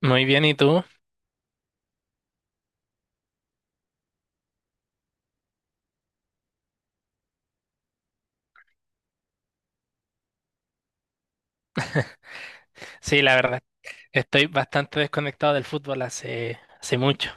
Muy bien, ¿y tú? Sí, la verdad, estoy bastante desconectado del fútbol hace mucho.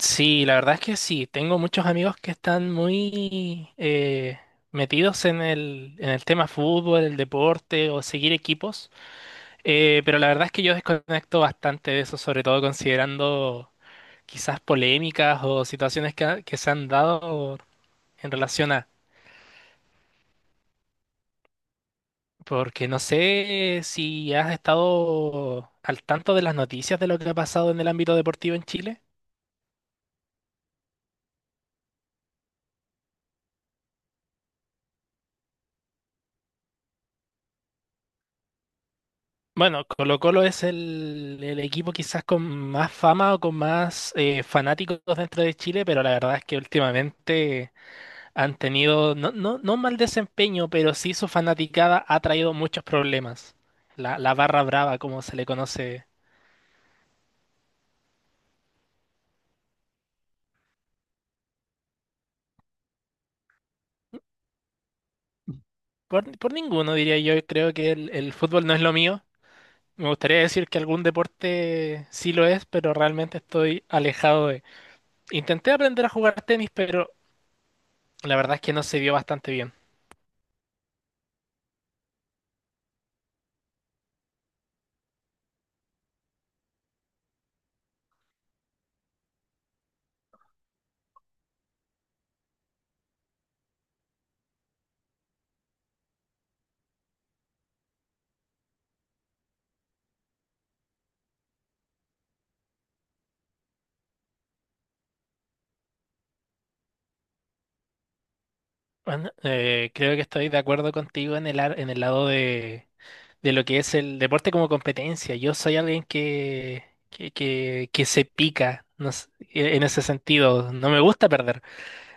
Sí, la verdad es que sí, tengo muchos amigos que están muy metidos en el tema fútbol, el deporte o seguir equipos, pero la verdad es que yo desconecto bastante de eso, sobre todo considerando quizás polémicas o situaciones que se han dado en relación a... Porque no sé si has estado al tanto de las noticias de lo que ha pasado en el ámbito deportivo en Chile. Bueno, Colo-Colo es el equipo quizás con más fama o con más fanáticos dentro de Chile, pero la verdad es que últimamente han tenido, no mal desempeño, pero sí su fanaticada ha traído muchos problemas. La barra brava, como se le conoce, por ninguno diría yo, creo que el fútbol no es lo mío. Me gustaría decir que algún deporte sí lo es, pero realmente estoy alejado de. Intenté aprender a jugar tenis, pero la verdad es que no se dio bastante bien. Bueno, creo que estoy de acuerdo contigo en en el lado de lo que es el deporte como competencia. Yo soy alguien que se pica, no sé, en ese sentido. No me gusta perder.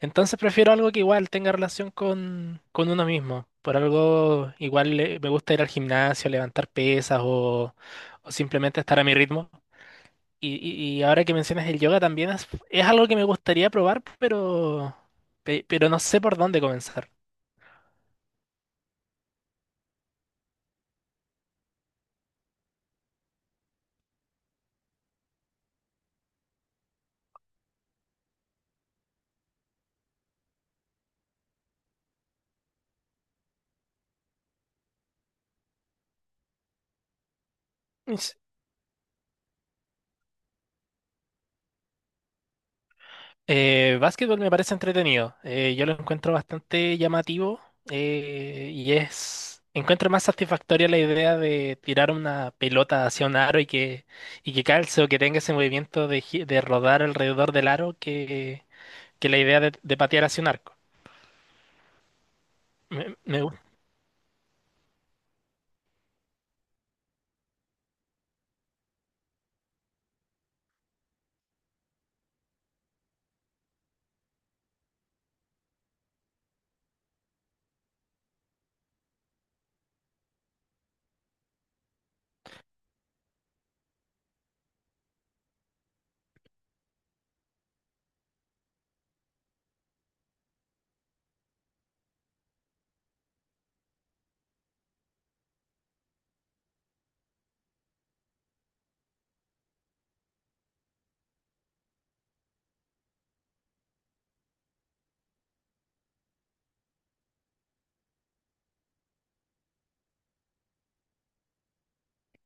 Entonces prefiero algo que igual tenga relación con uno mismo. Por algo igual me gusta ir al gimnasio, levantar pesas o simplemente estar a mi ritmo. Y ahora que mencionas el yoga también es algo que me gustaría probar, pero no sé por dónde comenzar. Básquetbol me parece entretenido. Yo lo encuentro bastante llamativo y es. Encuentro más satisfactoria la idea de tirar una pelota hacia un aro y que calce o que tenga ese movimiento de rodar alrededor del aro que la idea de patear hacia un arco. Me gusta.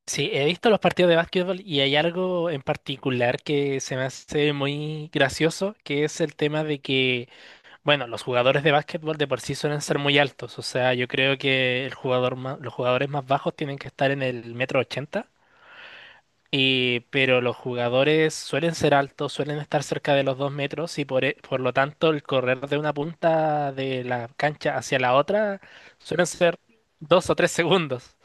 Sí, he visto los partidos de básquetbol y hay algo en particular que se me hace muy gracioso, que es el tema de que. Bueno, los jugadores de básquetbol de por sí suelen ser muy altos, o sea, yo creo que los jugadores más bajos tienen que estar en el metro ochenta, y, pero los jugadores suelen ser altos, suelen estar cerca de los dos metros y por lo tanto el correr de una punta de la cancha hacia la otra suelen ser dos o tres segundos.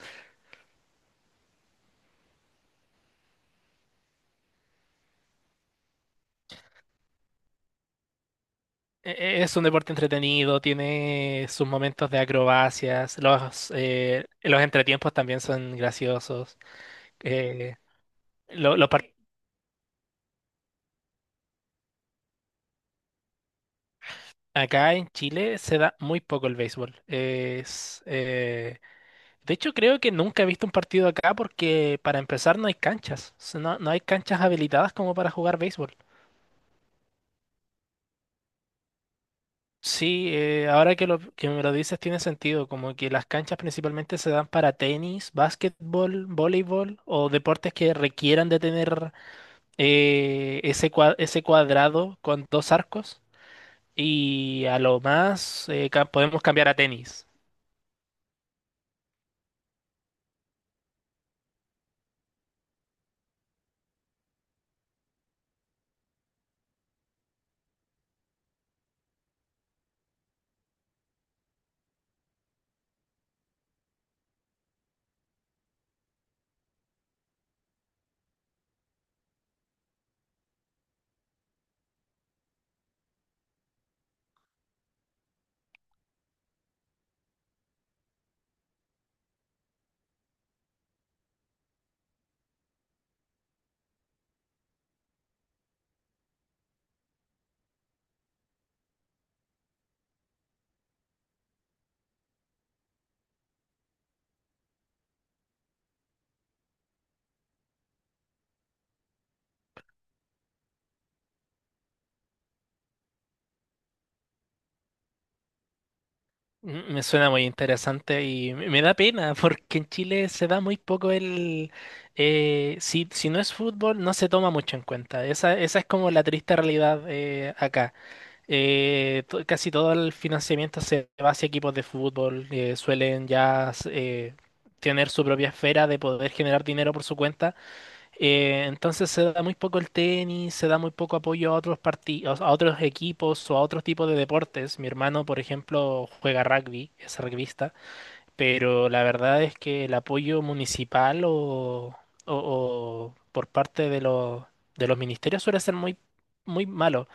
Es un deporte entretenido, tiene sus momentos de acrobacias, los los entretiempos también son graciosos. Eh, los partidos. Acá en Chile se da muy poco el béisbol. Es, de hecho, creo que nunca he visto un partido acá porque para empezar no hay canchas. O sea, no, no hay canchas habilitadas como para jugar béisbol. Sí, ahora que me lo dices tiene sentido, como que las canchas principalmente se dan para tenis, básquetbol, voleibol o deportes que requieran de tener ese cuadrado con dos arcos y a lo más podemos cambiar a tenis. Mm, me suena muy interesante y me da pena porque en Chile se da muy poco el... Eh, si, si no es fútbol, no se toma mucho en cuenta. Esa es como la triste realidad acá. Casi todo el financiamiento se va hacia equipos de fútbol. Suelen ya tener su propia esfera de poder generar dinero por su cuenta. Entonces se da muy poco el tenis, se da muy poco apoyo a otros partidos, a otros equipos o a otros tipos de deportes. Mi hermano, por ejemplo, juega rugby, es rugbyista, pero la verdad es que el apoyo municipal o, o por parte de los ministerios suele ser muy malo.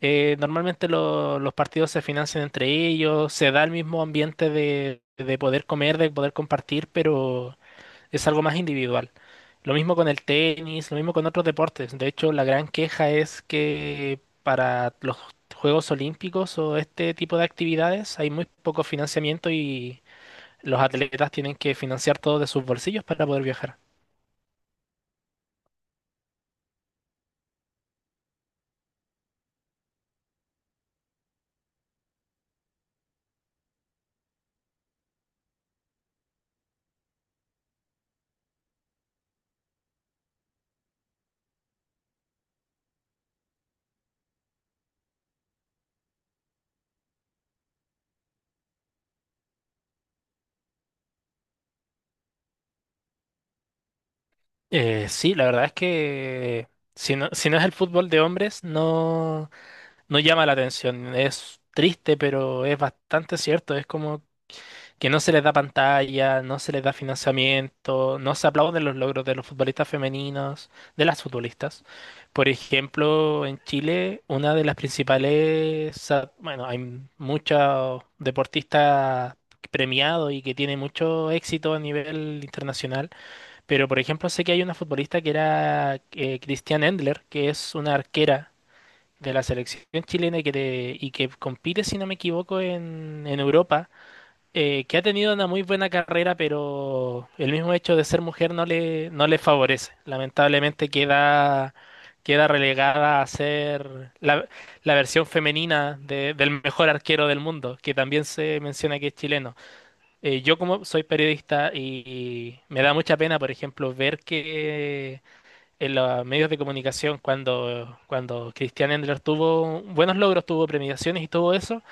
Normalmente los partidos se financian entre ellos, se da el mismo ambiente de poder comer, de poder compartir, pero es algo más individual. Lo mismo con el tenis, lo mismo con otros deportes. De hecho, la gran queja es que para los Juegos Olímpicos o este tipo de actividades hay muy poco financiamiento y los atletas tienen que financiar todo de sus bolsillos para poder viajar. Sí, la verdad es que si no, si no es el fútbol de hombres, no llama la atención. Es triste, pero es bastante cierto. Es como que no se les da pantalla, no se les da financiamiento, no se aplauden los logros de los futbolistas femeninos, de las futbolistas. Por ejemplo, en Chile, una de las principales, ah, bueno, hay muchos deportistas premiados y que tiene mucho éxito a nivel internacional, pero por ejemplo sé que hay una futbolista que era Christian Endler, que es una arquera de la selección chilena y y que compite, si no me equivoco, en Europa, que ha tenido una muy buena carrera, pero el mismo hecho de ser mujer no le, no le favorece. Lamentablemente queda relegada a ser la, la versión femenina del mejor arquero del mundo, que también se menciona que es chileno. Yo como soy periodista y me da mucha pena, por ejemplo, ver que en los medios de comunicación, cuando Cristian Endler tuvo buenos logros, tuvo premiaciones y todo eso,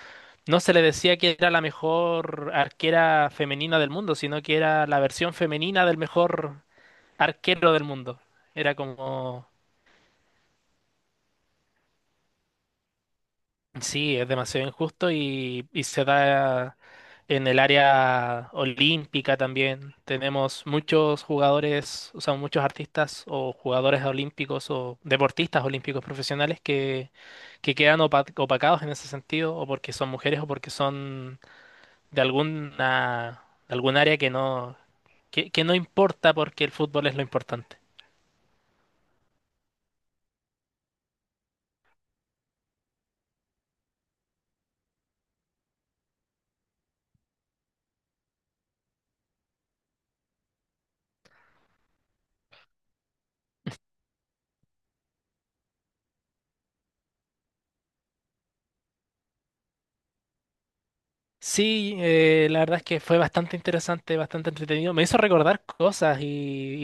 no se le decía que era la mejor arquera femenina del mundo, sino que era la versión femenina del mejor arquero del mundo. Era como, sí, es demasiado injusto y se da en el área olímpica también. Tenemos muchos jugadores, o sea, muchos artistas o jugadores olímpicos o deportistas olímpicos profesionales que quedan opacados en ese sentido, o porque son mujeres o porque son de alguna, de algún área que no importa porque el fútbol es lo importante. Sí, la verdad es que fue bastante interesante, bastante entretenido. Me hizo recordar cosas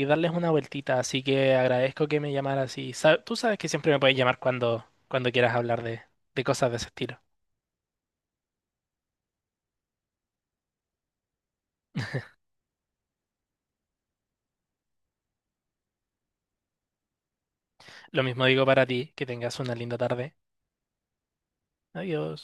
y darles una vueltita, así que agradezco que me llamaras y tú sabes que siempre me puedes llamar cuando quieras hablar de cosas de ese estilo. Lo mismo digo para ti, que tengas una linda tarde. Adiós.